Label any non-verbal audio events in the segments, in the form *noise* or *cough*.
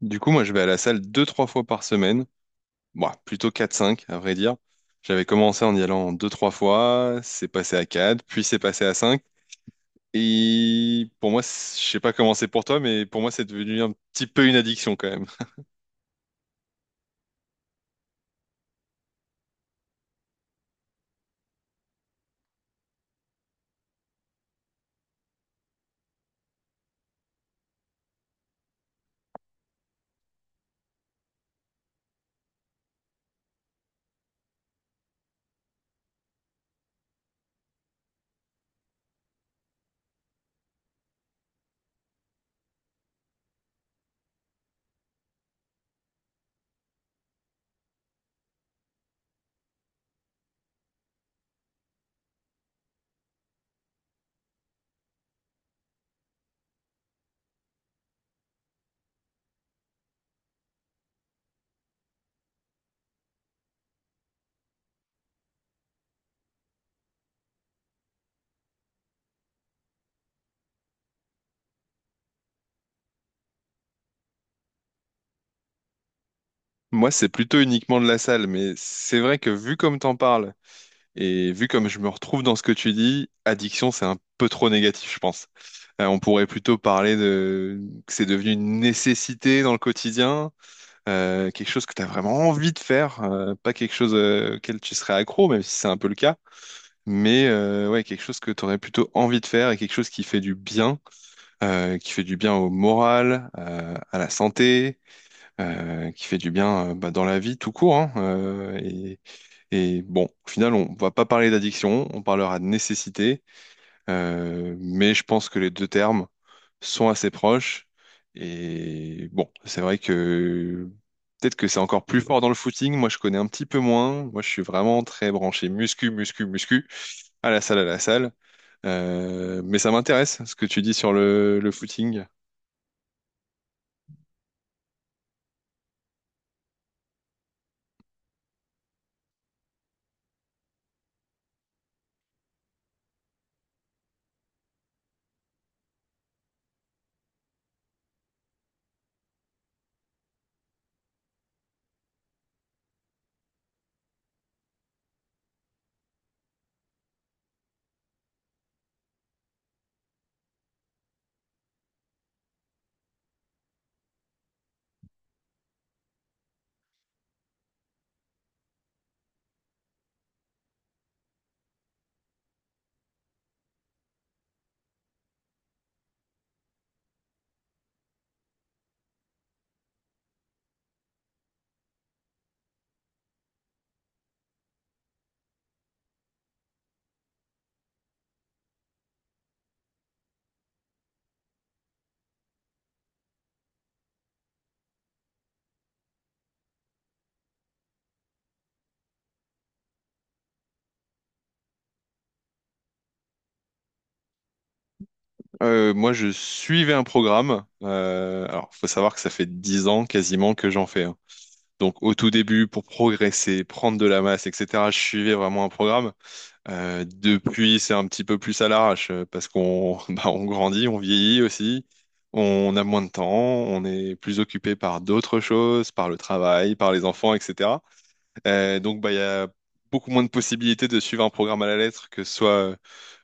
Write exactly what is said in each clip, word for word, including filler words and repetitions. Du coup, moi, je vais à la salle deux, trois fois par semaine. Bon, plutôt quatre, cinq, à vrai dire. J'avais commencé en y allant deux, trois fois, c'est passé à quatre, puis c'est passé à cinq. Et pour moi, c'est- je sais pas comment c'est pour toi, mais pour moi, c'est devenu un petit peu une addiction quand même. Moi, c'est plutôt uniquement de la salle, mais c'est vrai que vu comme t'en parles et vu comme je me retrouve dans ce que tu dis, addiction, c'est un peu trop négatif, je pense. Euh, on pourrait plutôt parler de que c'est devenu une nécessité dans le quotidien euh, quelque chose que tu as vraiment envie de faire, euh, pas quelque chose euh, auquel tu serais accro, même si c'est un peu le cas, mais euh, ouais, quelque chose que tu aurais plutôt envie de faire et quelque chose qui fait du bien, euh, qui fait du bien au moral, euh, à la santé, euh, qui fait du bien euh, bah, dans la vie tout court, hein, euh, et, et bon, au final, on va pas parler d'addiction, on parlera de nécessité, euh, mais je pense que les deux termes sont assez proches. Et bon, c'est vrai que peut-être que c'est encore plus fort dans le footing. Moi, je connais un petit peu moins. Moi, je suis vraiment très branché muscu, muscu, muscu, à la salle, à la salle. Euh, mais ça m'intéresse ce que tu dis sur le, le footing. Euh, moi, je suivais un programme. Euh, alors, faut savoir que ça fait dix ans quasiment que j'en fais. Hein. Donc, au tout début, pour progresser, prendre de la masse, et cetera, je suivais vraiment un programme. Euh, depuis, c'est un petit peu plus à l'arrache euh, parce qu'on *laughs* bah, on grandit, on vieillit aussi, on a moins de temps, on est plus occupé par d'autres choses, par le travail, par les enfants, et cetera. Euh, donc, bah, il y a beaucoup moins de possibilités de suivre un programme à la lettre, que ce soit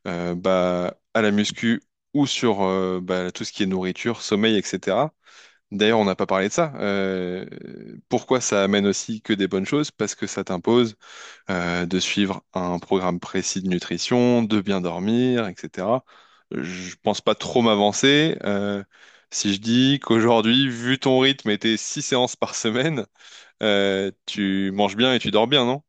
euh, bah, à la muscu ou sur euh, bah, tout ce qui est nourriture, sommeil, et cetera. D'ailleurs, on n'a pas parlé de ça. Euh, pourquoi ça amène aussi que des bonnes choses? Parce que ça t'impose euh, de suivre un programme précis de nutrition, de bien dormir, et cetera. Je pense pas trop m'avancer. euh, si je dis qu'aujourd'hui, vu ton rythme et tes six séances par semaine, euh, tu manges bien et tu dors bien, non?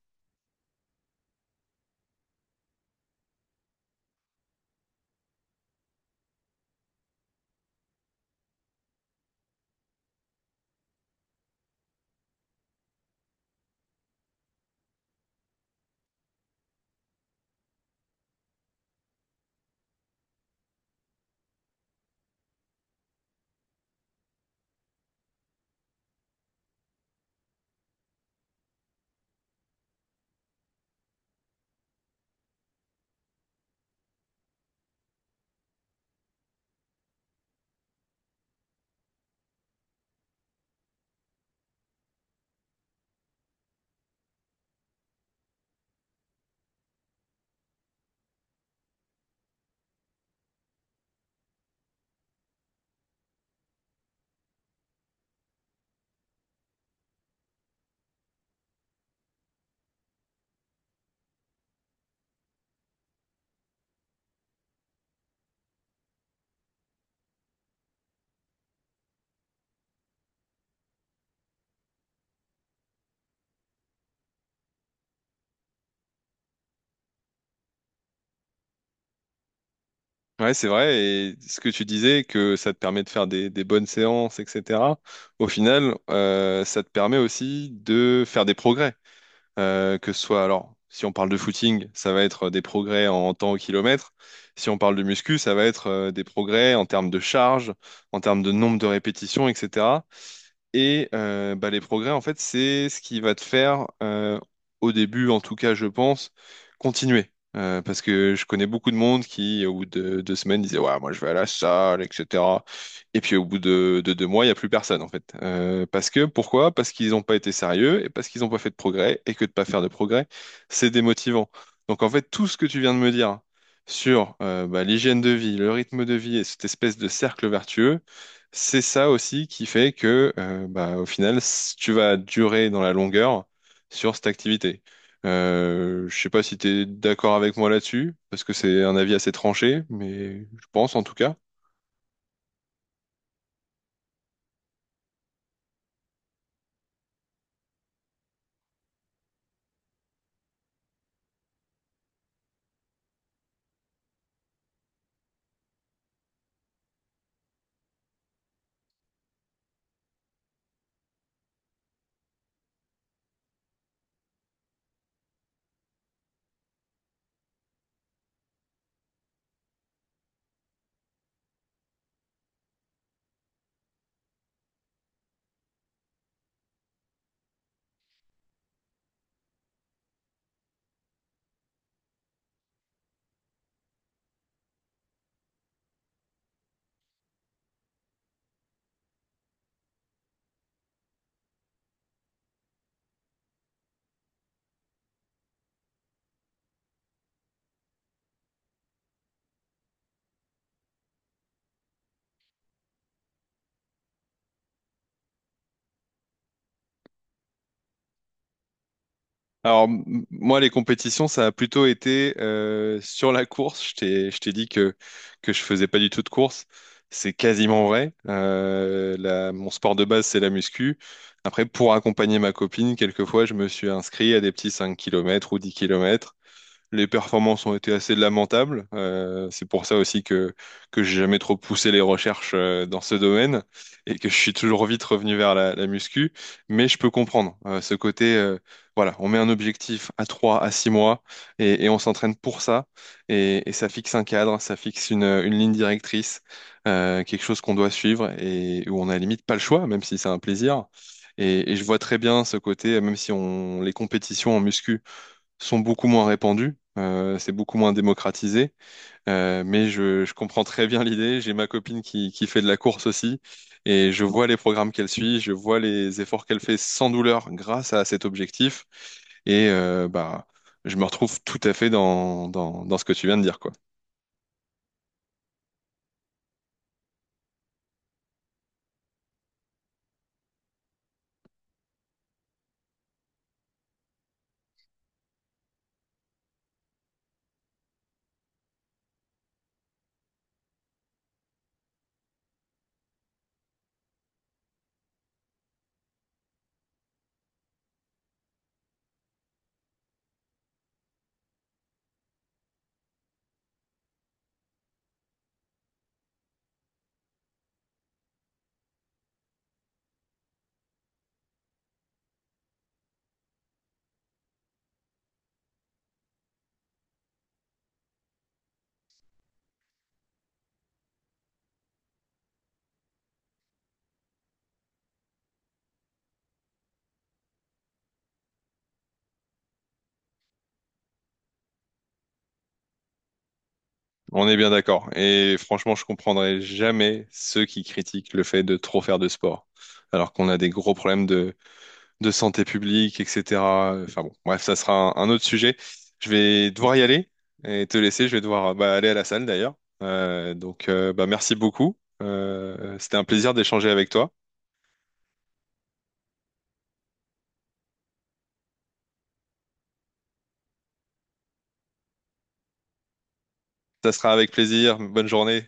Ouais, c'est vrai. Et ce que tu disais, que ça te permet de faire des, des bonnes séances, et cetera. Au final, euh, ça te permet aussi de faire des progrès. Euh, que ce soit, alors, si on parle de footing, ça va être des progrès en temps au kilomètre. Si on parle de muscu, ça va être euh, des progrès en termes de charge, en termes de nombre de répétitions, et cetera. Et euh, bah, les progrès, en fait, c'est ce qui va te faire, euh, au début, en tout cas, je pense, continuer. Euh, parce que je connais beaucoup de monde qui, au bout de deux semaines, disait, ouais, moi, je vais à la salle, et cetera. Et puis, au bout de, de deux mois, il n'y a plus personne, en fait. Euh, parce que, pourquoi? Parce qu'ils n'ont pas été sérieux et parce qu'ils n'ont pas fait de progrès et que de ne pas faire de progrès, c'est démotivant. Donc, en fait, tout ce que tu viens de me dire sur euh, bah, l'hygiène de vie, le rythme de vie et cette espèce de cercle vertueux, c'est ça aussi qui fait que, euh, bah, au final, c- tu vas durer dans la longueur sur cette activité. Euh, je sais pas si tu es d'accord avec moi là-dessus, parce que c'est un avis assez tranché, mais je pense en tout cas. Alors, m- moi, les compétitions, ça a plutôt été euh, sur la course. Je t'ai, je t'ai dit que, que je faisais pas du tout de course. C'est quasiment vrai. Euh, la- mon sport de base, c'est la muscu. Après, pour accompagner ma copine, quelquefois, je me suis inscrit à des petits cinq kilomètres ou dix kilomètres. Les performances ont été assez lamentables. Euh, c'est pour ça aussi que que j'ai jamais trop poussé les recherches euh, dans ce domaine et que je suis toujours vite revenu vers la, la muscu. Mais je peux comprendre euh, ce côté. euh, voilà, on met un objectif à trois à six mois et, et on s'entraîne pour ça. Et, et ça fixe un cadre, ça fixe une, une ligne directrice, euh, quelque chose qu'on doit suivre et où on a limite pas le choix, même si c'est un plaisir. Et, et je vois très bien ce côté, même si on les compétitions en muscu sont beaucoup moins répandus, euh, c'est beaucoup moins démocratisé, euh, mais je, je comprends très bien l'idée. J'ai ma copine qui, qui fait de la course aussi, et je vois les programmes qu'elle suit, je vois les efforts qu'elle fait sans douleur grâce à cet objectif, et euh, bah, je me retrouve tout à fait dans, dans, dans ce que tu viens de dire, quoi. On est bien d'accord, et franchement, je comprendrai jamais ceux qui critiquent le fait de trop faire de sport, alors qu'on a des gros problèmes de santé publique, et cetera. Enfin bon, bref, ça sera un, un autre sujet. Je vais devoir y aller et te laisser. Je vais devoir bah, aller à la salle d'ailleurs. Euh, donc euh, bah, merci beaucoup. Euh, c'était un plaisir d'échanger avec toi. Ça sera avec plaisir. Bonne journée.